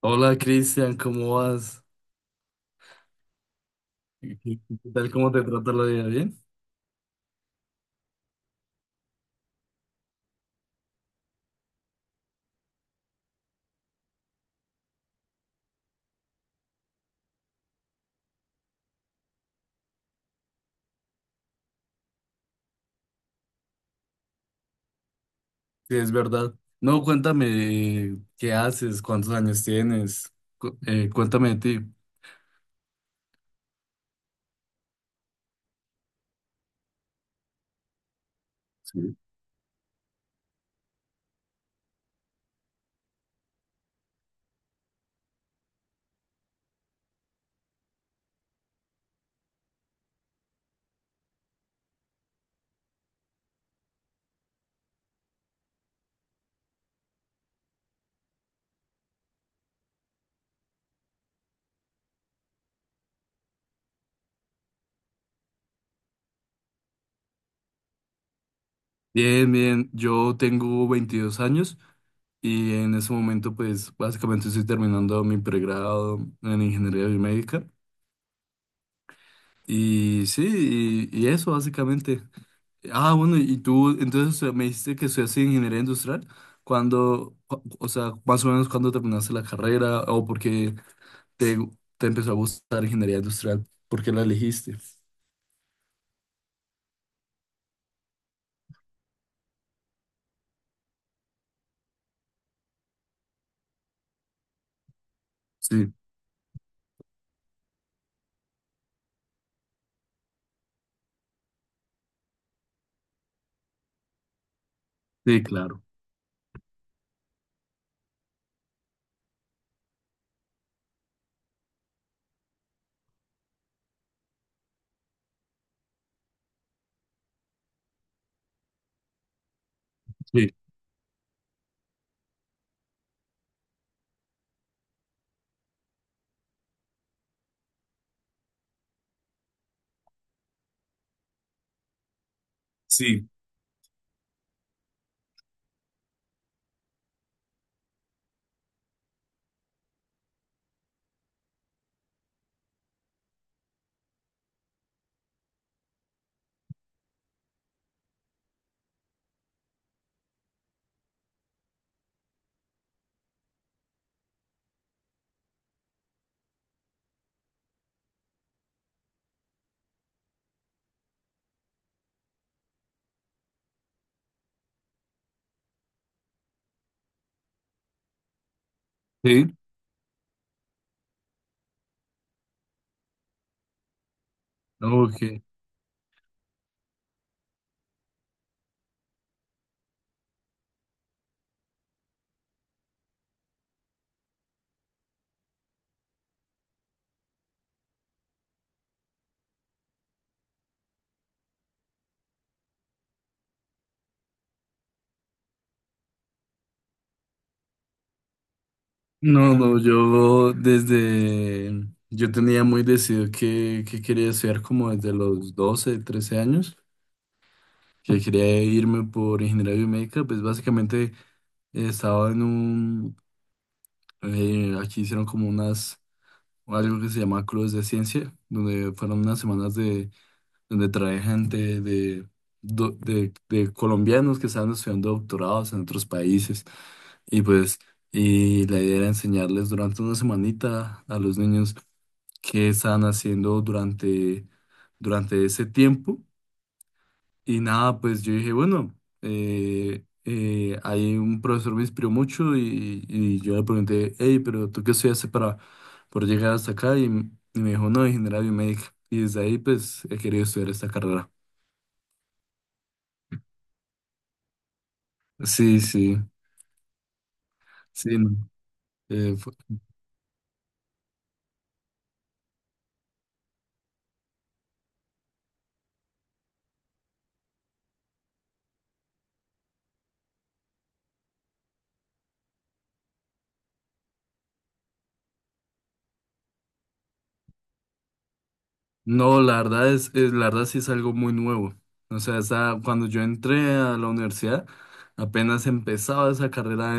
Hola Cristian, ¿cómo vas? ¿Qué tal? ¿Cómo te trata la vida? ¿Bien? Sí, es verdad. No, cuéntame qué haces, cuántos años tienes, cuéntame de ti. Sí. Bien, bien, yo tengo 22 años y en ese momento pues básicamente estoy terminando mi pregrado en ingeniería biomédica y sí, y eso básicamente. Ah, bueno, y tú, entonces me dijiste que estudiaste ingeniería industrial. ¿Cuando o sea, más o menos cuándo terminaste la carrera o por qué te, te empezó a gustar ingeniería industrial? ¿Por qué la elegiste? Sí, sí, claro. Sí, sí, sí. Ok. No, no, yo desde, yo tenía muy decidido que quería estudiar como desde los 12, 13 años, que quería irme por ingeniería biomédica, pues básicamente estaba en un... aquí hicieron como unas, algo que se llama Clubes de Ciencia, donde fueron unas semanas de, donde trae gente de, de colombianos que estaban estudiando doctorados en otros países. Y pues, y la idea era enseñarles durante una semanita a los niños qué estaban haciendo durante, durante ese tiempo y nada, pues yo dije, bueno, ahí un profesor me inspiró mucho y yo le pregunté, hey, pero ¿tú qué estudiaste para por llegar hasta acá? Y, y me dijo, no, ingeniería biomédica. Y desde ahí, pues, he querido estudiar esta carrera. Sí, sí, sí. No. Eh, fu- no, la verdad la verdad sí es algo muy nuevo. O sea, cuando yo entré a la universidad, apenas empezaba esa carrera.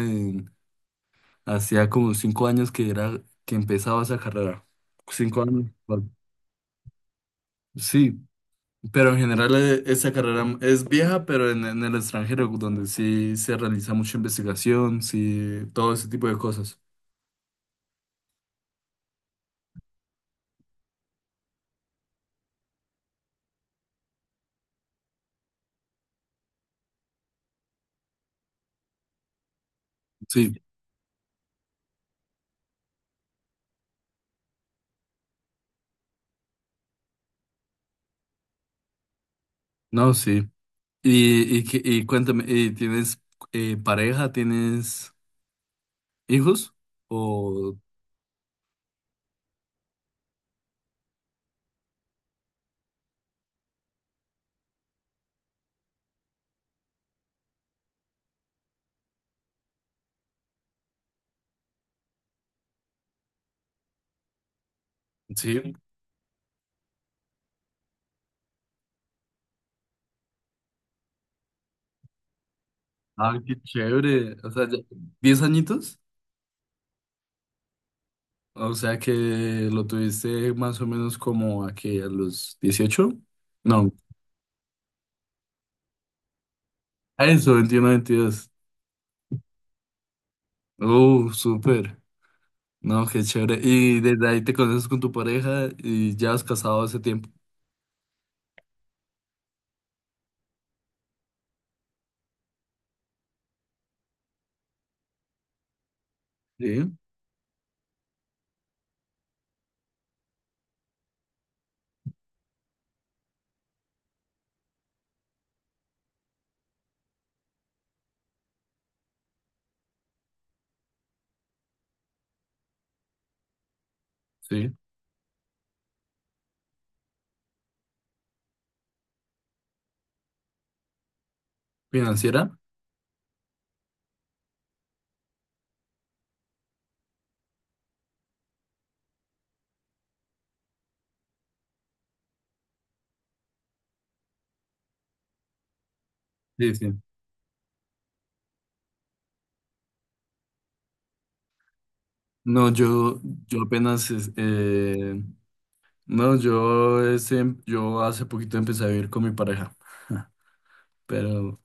Hacía como 5 años que era que empezaba esa carrera. 5 años. Bueno, sí, pero en general esa carrera es vieja, pero en el extranjero, donde sí se realiza mucha investigación, sí, todo ese tipo de cosas. Sí, no, sí. Y cuéntame, ¿tienes pareja? ¿Tienes hijos? ¿O sí? Ah, qué chévere. ¿10 añitos? O sea que lo tuviste más o menos como aquí a los 18... No, a eso, 21, 22. Súper. No, qué chévere. Y desde ahí te conoces con tu pareja y ya has casado hace tiempo. Sí, sí. ¿Financiera? Sí, sí. No, yo apenas, es- no, yo, ese- yo hace poquito empecé a vivir con mi pareja, pero...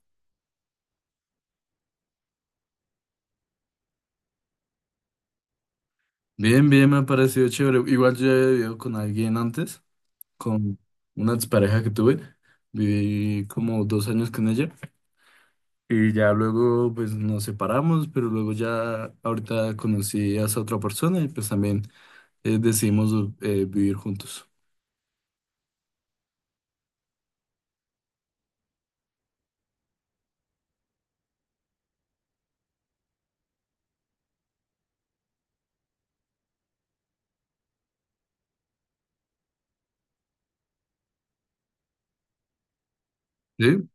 Bien, bien, me ha parecido chévere. Igual yo he vivido con alguien antes. Con una pareja que tuve. Viví como 2 años con ella y ya luego pues nos separamos, pero luego ya ahorita conocí a esa otra persona y pues también decidimos vivir juntos. ¿Sí?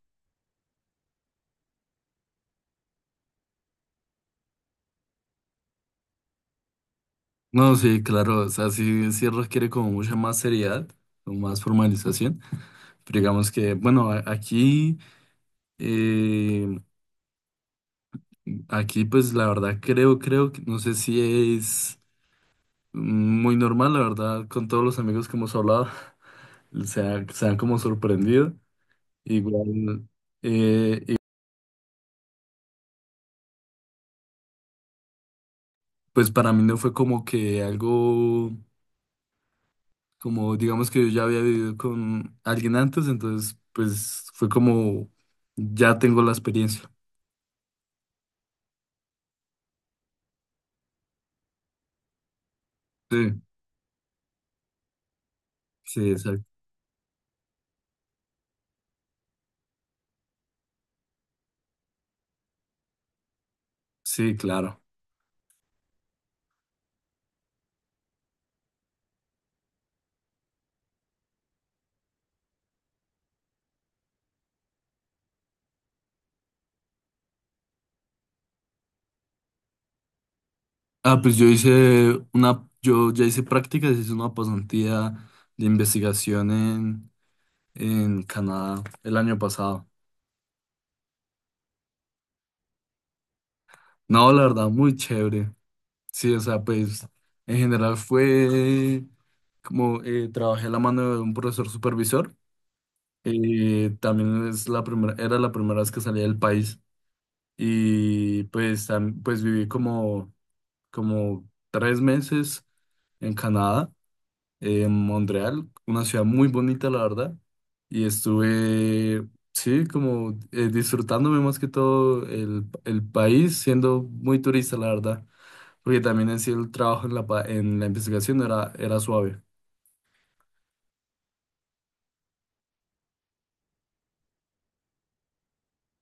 No, sí, claro, o sea, sí, sí requiere como mucha más seriedad o más formalización, pero digamos que, bueno, aquí, eh, aquí pues la verdad creo, creo, no sé si es muy normal, la verdad, con todos los amigos que hemos hablado. Se han como sorprendido. Igual, y pues para mí no fue como que algo, como digamos que yo ya había vivido con alguien antes, entonces pues fue como, ya tengo la experiencia. Sí, sí, exacto. Sí, claro. Ah, pues yo hice una, yo ya hice prácticas, hice una pasantía de investigación en Canadá el año pasado. No, la verdad, muy chévere. Sí, o sea, pues en general fue como trabajé a la mano de un profesor supervisor. También es la primera, era la primera vez que salía del país y pues, pues viví como, como 3 meses en Canadá, en Montreal, una ciudad muy bonita, la verdad. Y estuve, sí, como disfrutándome más que todo el país, siendo muy turista, la verdad. Porque también en sí el trabajo en la, en la investigación era, era suave.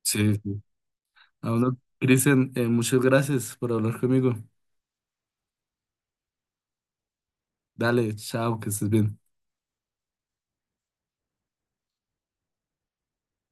Sí, sí. Ah, bueno, Cristian, muchas gracias por hablar conmigo. Dale, chao, que estés bien.